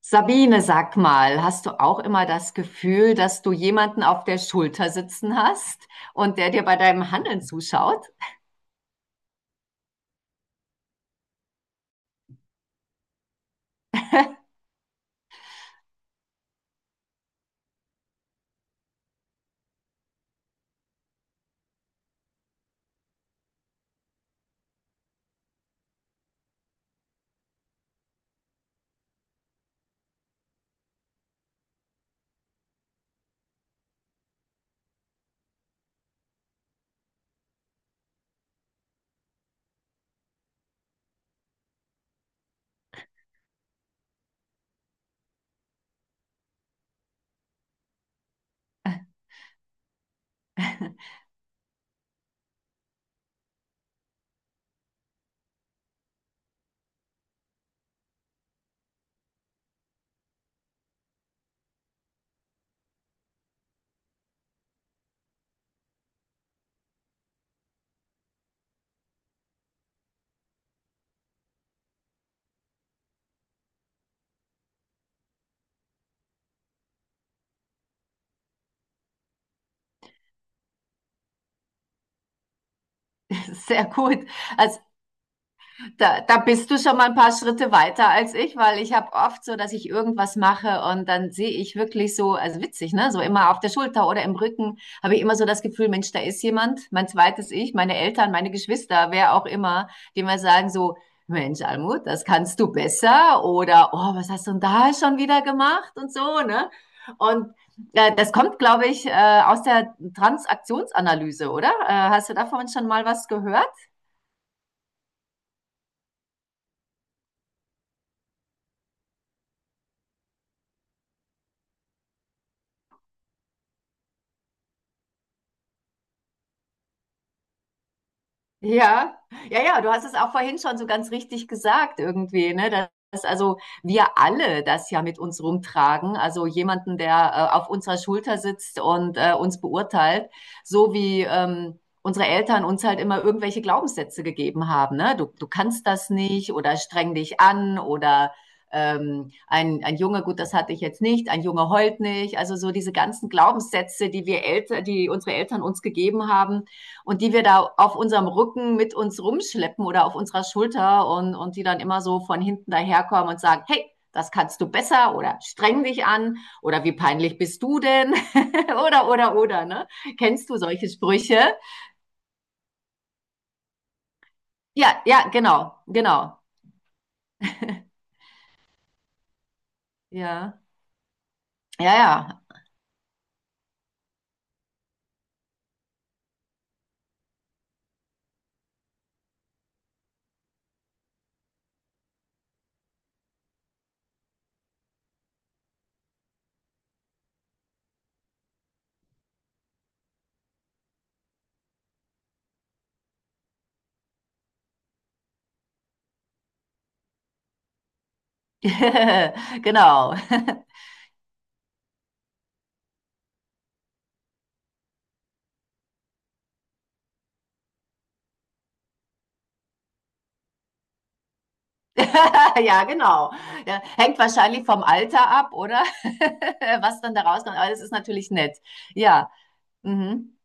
Sabine, sag mal, hast du auch immer das Gefühl, dass du jemanden auf der Schulter sitzen hast und der dir bei deinem Handeln zuschaut? Sehr gut. Also, da, da bist du schon mal ein paar Schritte weiter als ich, weil ich habe oft so, dass ich irgendwas mache und dann sehe ich wirklich so, also witzig, ne? So immer auf der Schulter oder im Rücken habe ich immer so das Gefühl, Mensch, da ist jemand, mein zweites Ich, meine Eltern, meine Geschwister, wer auch immer, die mir sagen so, Mensch, Almut, das kannst du besser oder oh, was hast du denn da schon wieder gemacht und so, ne? Und das kommt, glaube ich, aus der Transaktionsanalyse, oder? Hast du davon schon mal was gehört? Ja, ja, du hast es auch vorhin schon so ganz richtig gesagt irgendwie, ne? Dass also wir alle das ja mit uns rumtragen, also jemanden, der auf unserer Schulter sitzt und uns beurteilt, so wie unsere Eltern uns halt immer irgendwelche Glaubenssätze gegeben haben, ne? Du kannst das nicht oder streng dich an oder ein Junge, gut, das hatte ich jetzt nicht, ein Junge heult nicht, also so diese ganzen Glaubenssätze, die wir Eltern, die unsere Eltern uns gegeben haben und die wir da auf unserem Rücken mit uns rumschleppen oder auf unserer Schulter und die dann immer so von hinten daherkommen und sagen, hey, das kannst du besser oder streng dich an oder wie peinlich bist du denn oder oder ne, kennst du solche Sprüche? Ja, ja, genau, genau. Ja, ja, ja. Genau. Ja, genau. Ja, hängt wahrscheinlich vom Alter ab, oder? Was dann da rauskommt. Aber das ist natürlich nett. Ja. Mhm.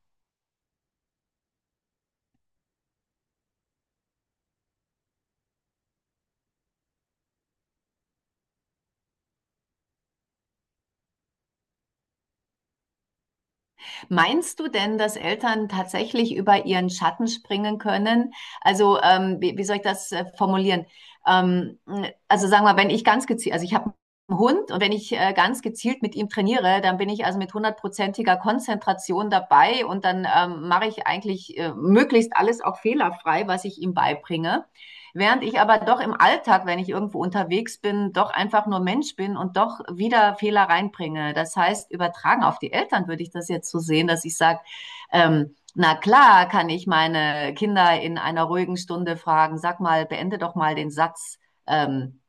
Meinst du denn, dass Eltern tatsächlich über ihren Schatten springen können? Also, wie soll ich das formulieren? Ähm, also sagen wir, wenn ich ganz gezielt, also ich habe einen Hund und wenn ich ganz gezielt mit ihm trainiere, dann bin ich also mit hundertprozentiger Konzentration dabei und dann mache ich eigentlich möglichst alles auch fehlerfrei, was ich ihm beibringe. Während ich aber doch im Alltag, wenn ich irgendwo unterwegs bin, doch einfach nur Mensch bin und doch wieder Fehler reinbringe. Das heißt, übertragen auf die Eltern würde ich das jetzt so sehen, dass ich sage, na klar kann ich meine Kinder in einer ruhigen Stunde fragen, sag mal, beende doch mal den Satz. Ähm,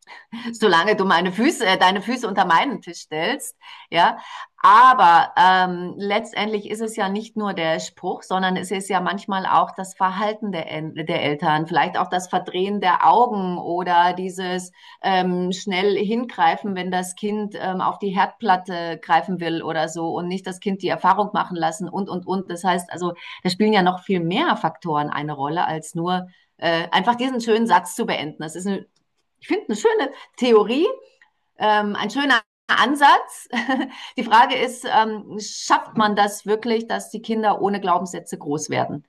solange du meine Füße, deine Füße unter meinen Tisch stellst, ja. Aber letztendlich ist es ja nicht nur der Spruch, sondern es ist ja manchmal auch das Verhalten der Eltern, vielleicht auch das Verdrehen der Augen oder dieses schnell hingreifen, wenn das Kind auf die Herdplatte greifen will oder so und nicht das Kind die Erfahrung machen lassen und, und. Das heißt also, da spielen ja noch viel mehr Faktoren eine Rolle als nur einfach diesen schönen Satz zu beenden. Das ist eine, ich finde, eine schöne Theorie, ein schöner Ansatz. Die Frage ist, schafft man das wirklich, dass die Kinder ohne Glaubenssätze groß werden?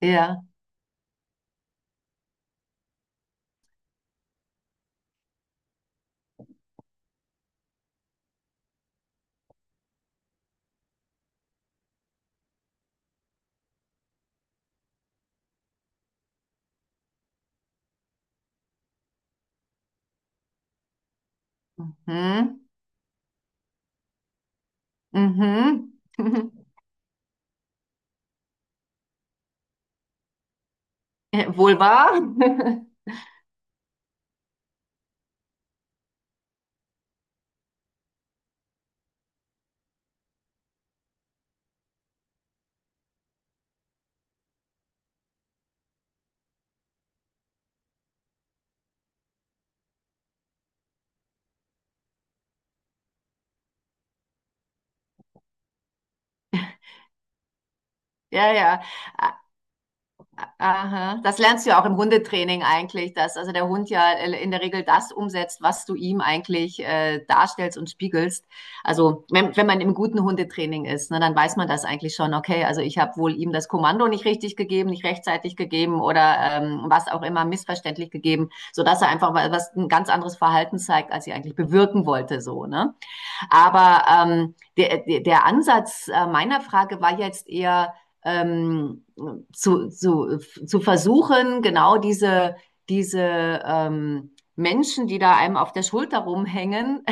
Ja. Hm. Mhm. Wohl wahr? Ja, ja. Aha. Das lernst du ja auch im Hundetraining eigentlich, dass also der Hund ja in der Regel das umsetzt, was du ihm eigentlich darstellst und spiegelst. Also wenn man im guten Hundetraining ist, ne, dann weiß man das eigentlich schon, okay, also ich habe wohl ihm das Kommando nicht richtig gegeben, nicht rechtzeitig gegeben oder was auch immer missverständlich gegeben, sodass er einfach was ein ganz anderes Verhalten zeigt, als ich eigentlich bewirken wollte, so, ne? Aber der Ansatz meiner Frage war jetzt eher ähm, zu versuchen, genau diese Menschen, die da einem auf der Schulter rumhängen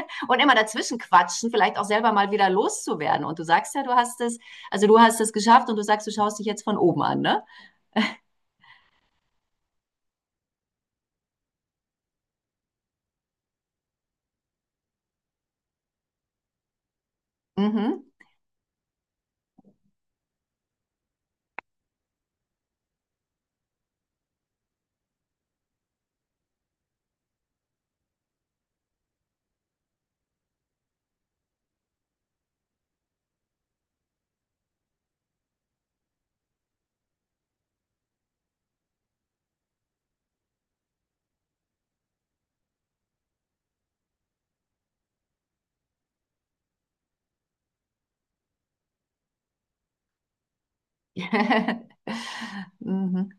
und immer dazwischen quatschen, vielleicht auch selber mal wieder loszuwerden. Und du sagst ja, du hast also du hast es geschafft und du sagst, du schaust dich jetzt von oben an, ne? Mhm. Mhm.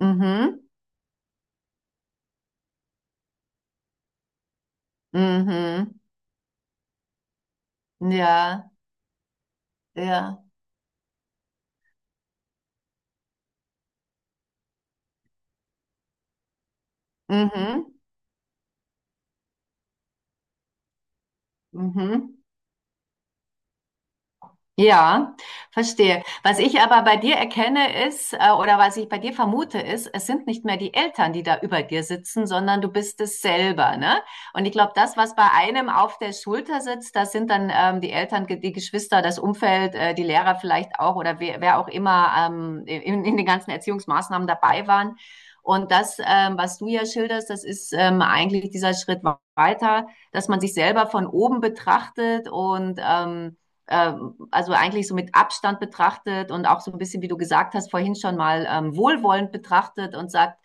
Mhm. Mhm. Ja, ja. Mhm. Mhm. Ja, verstehe. Was ich aber bei dir erkenne ist, oder was ich bei dir vermute ist, es sind nicht mehr die Eltern, die da über dir sitzen, sondern du bist es selber, ne? Und ich glaube, das, was bei einem auf der Schulter sitzt, das sind dann die Eltern, die Geschwister, das Umfeld, die Lehrer vielleicht auch oder wer auch immer in den ganzen Erziehungsmaßnahmen dabei waren. Und das, was du ja schilderst, das ist eigentlich dieser Schritt weiter, dass man sich selber von oben betrachtet und also eigentlich so mit Abstand betrachtet und auch so ein bisschen, wie du gesagt hast, vorhin schon mal wohlwollend betrachtet und sagt,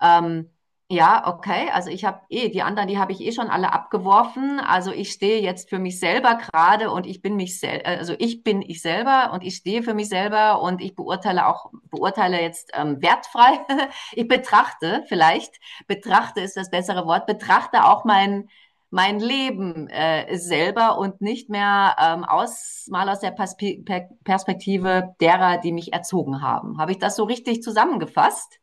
ähm, ja, okay, also ich habe eh, die anderen, die habe ich eh schon alle abgeworfen. Also ich stehe jetzt für mich selber gerade und ich bin mich selber, also ich bin ich selber und ich stehe für mich selber und ich beurteile auch, beurteile jetzt wertfrei. Ich betrachte vielleicht, betrachte ist das bessere Wort, betrachte auch mein Leben selber und nicht mehr aus, mal aus der Perspektive derer, die mich erzogen haben. Habe ich das so richtig zusammengefasst?